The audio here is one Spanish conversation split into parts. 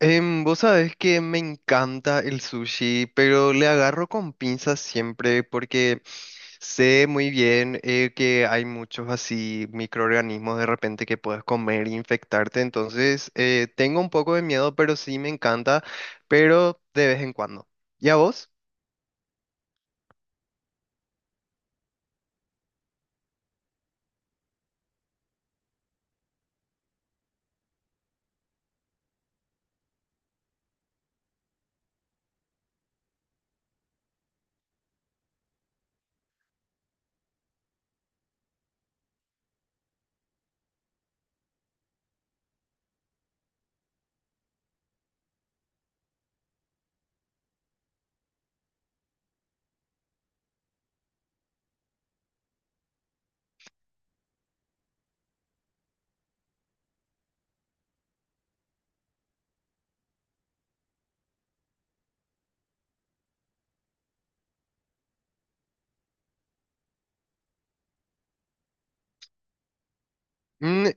Vos sabés que me encanta el sushi, pero le agarro con pinzas siempre porque sé muy bien que hay muchos así microorganismos de repente que puedes comer e infectarte, entonces tengo un poco de miedo, pero sí me encanta, pero de vez en cuando. ¿Y a vos? Mm.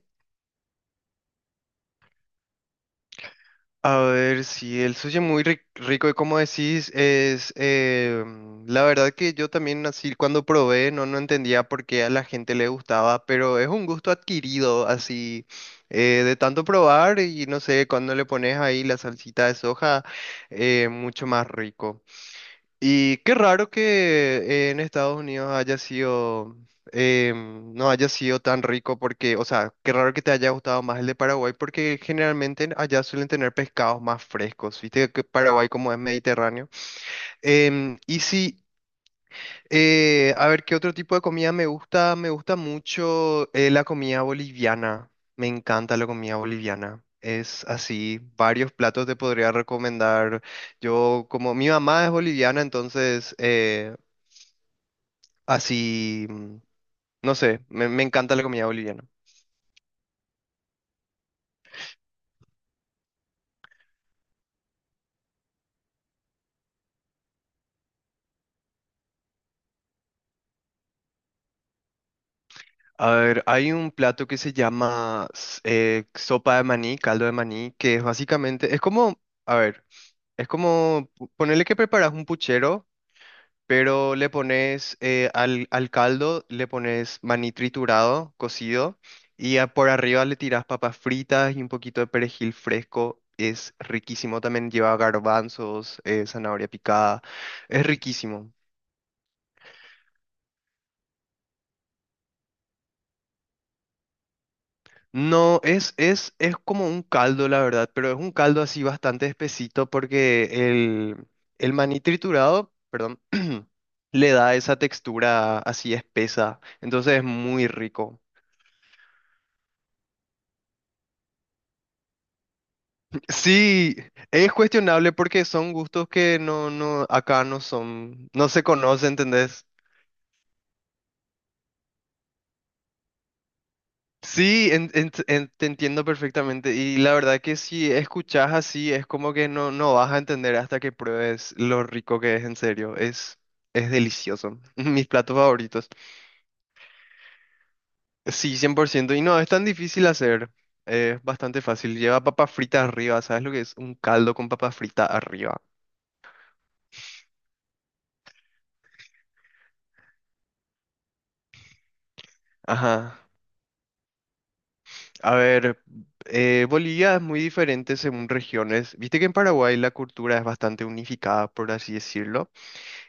A ver, si el sushi muy rico y como decís, es la verdad que yo también así cuando probé no, no entendía por qué a la gente le gustaba, pero es un gusto adquirido así de tanto probar y no sé, cuando le pones ahí la salsita de soja, mucho más rico. Y qué raro que en Estados Unidos haya sido, no haya sido tan rico porque, o sea, qué raro que te haya gustado más el de Paraguay porque generalmente allá suelen tener pescados más frescos, viste que Paraguay como es mediterráneo. Y sí, a ver, ¿qué otro tipo de comida me gusta? Me gusta mucho la comida boliviana, me encanta la comida boliviana. Es así, varios platos te podría recomendar. Yo, como mi mamá es boliviana, entonces así, no sé, me encanta la comida boliviana. A ver, hay un plato que se llama sopa de maní, caldo de maní, que es básicamente, es como, a ver, es como ponerle que preparas un puchero, pero le pones al caldo, le pones maní triturado, cocido, y por arriba le tiras papas fritas y un poquito de perejil fresco. Es riquísimo, también lleva garbanzos, zanahoria picada, es riquísimo. No, es como un caldo, la verdad, pero es un caldo así bastante espesito porque el, el maní triturado, perdón, le da esa textura así espesa, entonces es muy rico. Sí, es cuestionable porque son gustos que no, no, acá no son, no se conocen, ¿entendés? Sí, te entiendo perfectamente. Y la verdad que si escuchas así, es como que no, no vas a entender hasta que pruebes lo rico que es en serio. Es delicioso. Mis platos favoritos. Sí, 100%. Y no, es tan difícil hacer. Es bastante fácil. Lleva papa frita arriba. ¿Sabes lo que es? Un caldo con papa frita arriba. Ajá. A ver, Bolivia es muy diferente según regiones. Viste que en Paraguay la cultura es bastante unificada, por así decirlo.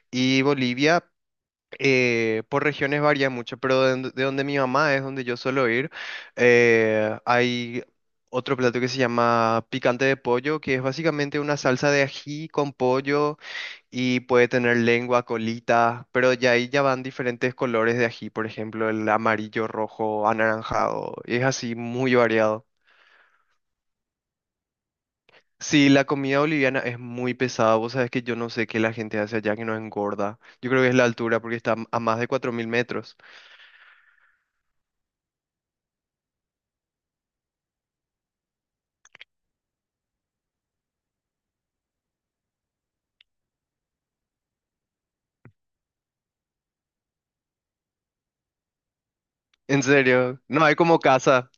Y Bolivia, por regiones varía mucho, pero de donde mi mamá es, donde yo suelo ir, hay otro plato que se llama picante de pollo, que es básicamente una salsa de ají con pollo y puede tener lengua, colita, pero ya ahí ya van diferentes colores de ají, por ejemplo, el amarillo, rojo, anaranjado, y es así muy variado. Sí, la comida boliviana es muy pesada. Vos sabés que yo no sé qué la gente hace allá que no engorda. Yo creo que es la altura porque está a más de 4000 metros. En serio, no hay como casa.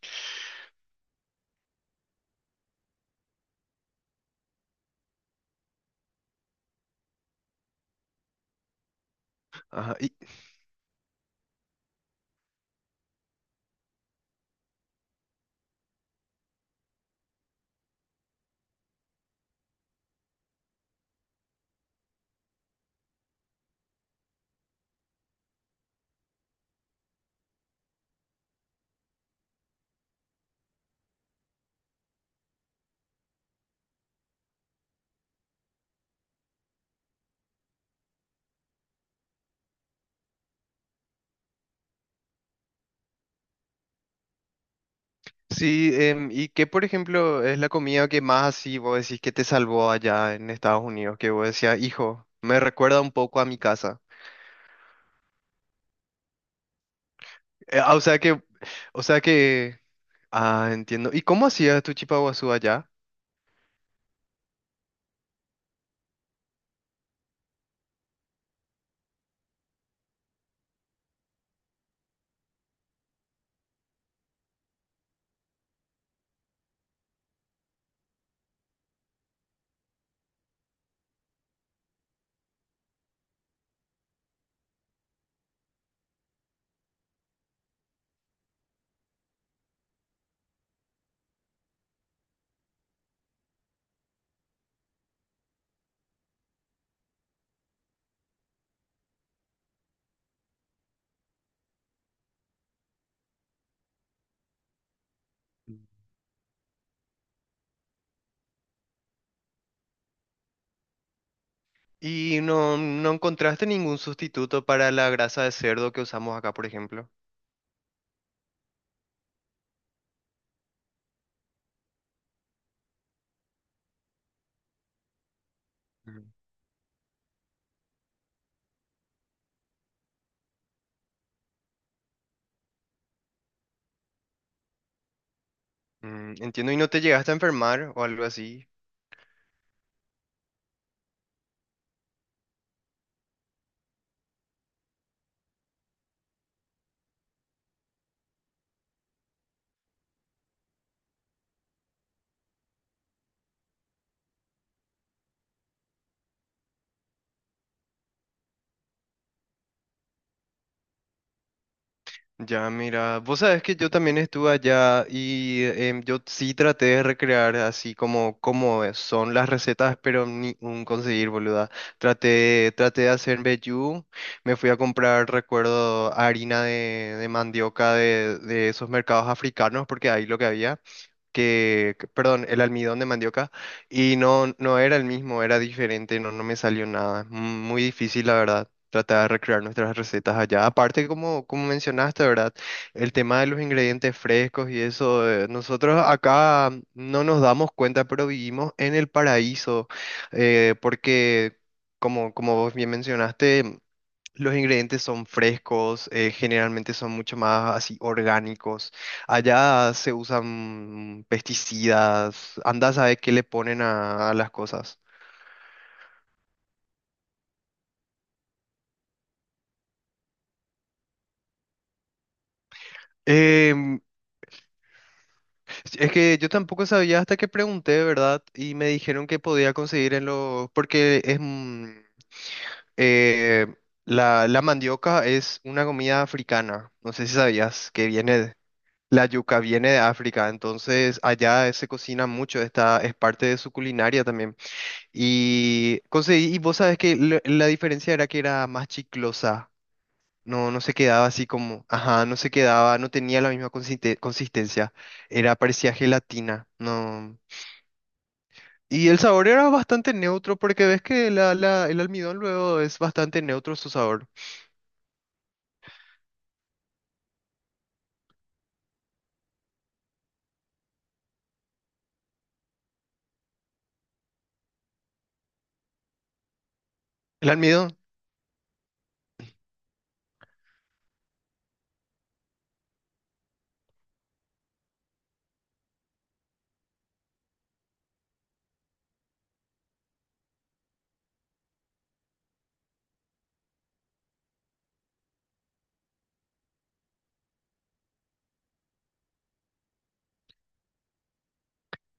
Ajá. Y sí, ¿y qué, por ejemplo, es la comida que más así vos decís que te salvó allá en Estados Unidos? Que vos decías, hijo, me recuerda un poco a mi casa. Ah, o sea que, ah, entiendo. ¿Y cómo hacías tu chipaguazú allá? ¿Y no, no encontraste ningún sustituto para la grasa de cerdo que usamos acá, por ejemplo? Mm. Mm, entiendo, ¿y no te llegaste a enfermar o algo así? Ya, mira, vos sabés que yo también estuve allá y yo sí traté de recrear así como, como son las recetas, pero ni un conseguir, boluda. Traté de hacer vellú, me fui a comprar, recuerdo, harina de mandioca de esos mercados africanos, porque ahí lo que había perdón, el almidón de mandioca y no, no era el mismo, era diferente, no, no me salió nada. Es muy difícil, la verdad, tratar de recrear nuestras recetas allá. Aparte, como, como mencionaste, ¿verdad? El tema de los ingredientes frescos y eso, nosotros acá no nos damos cuenta, pero vivimos en el paraíso, porque, como, como vos bien mencionaste, los ingredientes son frescos, generalmente son mucho más así orgánicos. Allá se usan pesticidas, anda a saber qué le ponen a las cosas. Em, sí, es que yo tampoco sabía hasta que pregunté, ¿verdad? Y me dijeron que podía conseguir en los... Porque es... eh, la mandioca es una comida africana, no sé si sabías que viene... de- La yuca viene de África, entonces allá se cocina mucho, esta es parte de su culinaria también. Y conseguí, y vos sabes que la diferencia era que era más chiclosa. No, no se quedaba así como, ajá, no se quedaba, no tenía la misma consistencia. Era, parecía gelatina. No. Y el sabor era bastante neutro, porque ves que el almidón luego es bastante neutro su sabor. El almidón.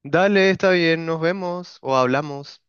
Dale, está bien, nos vemos o hablamos.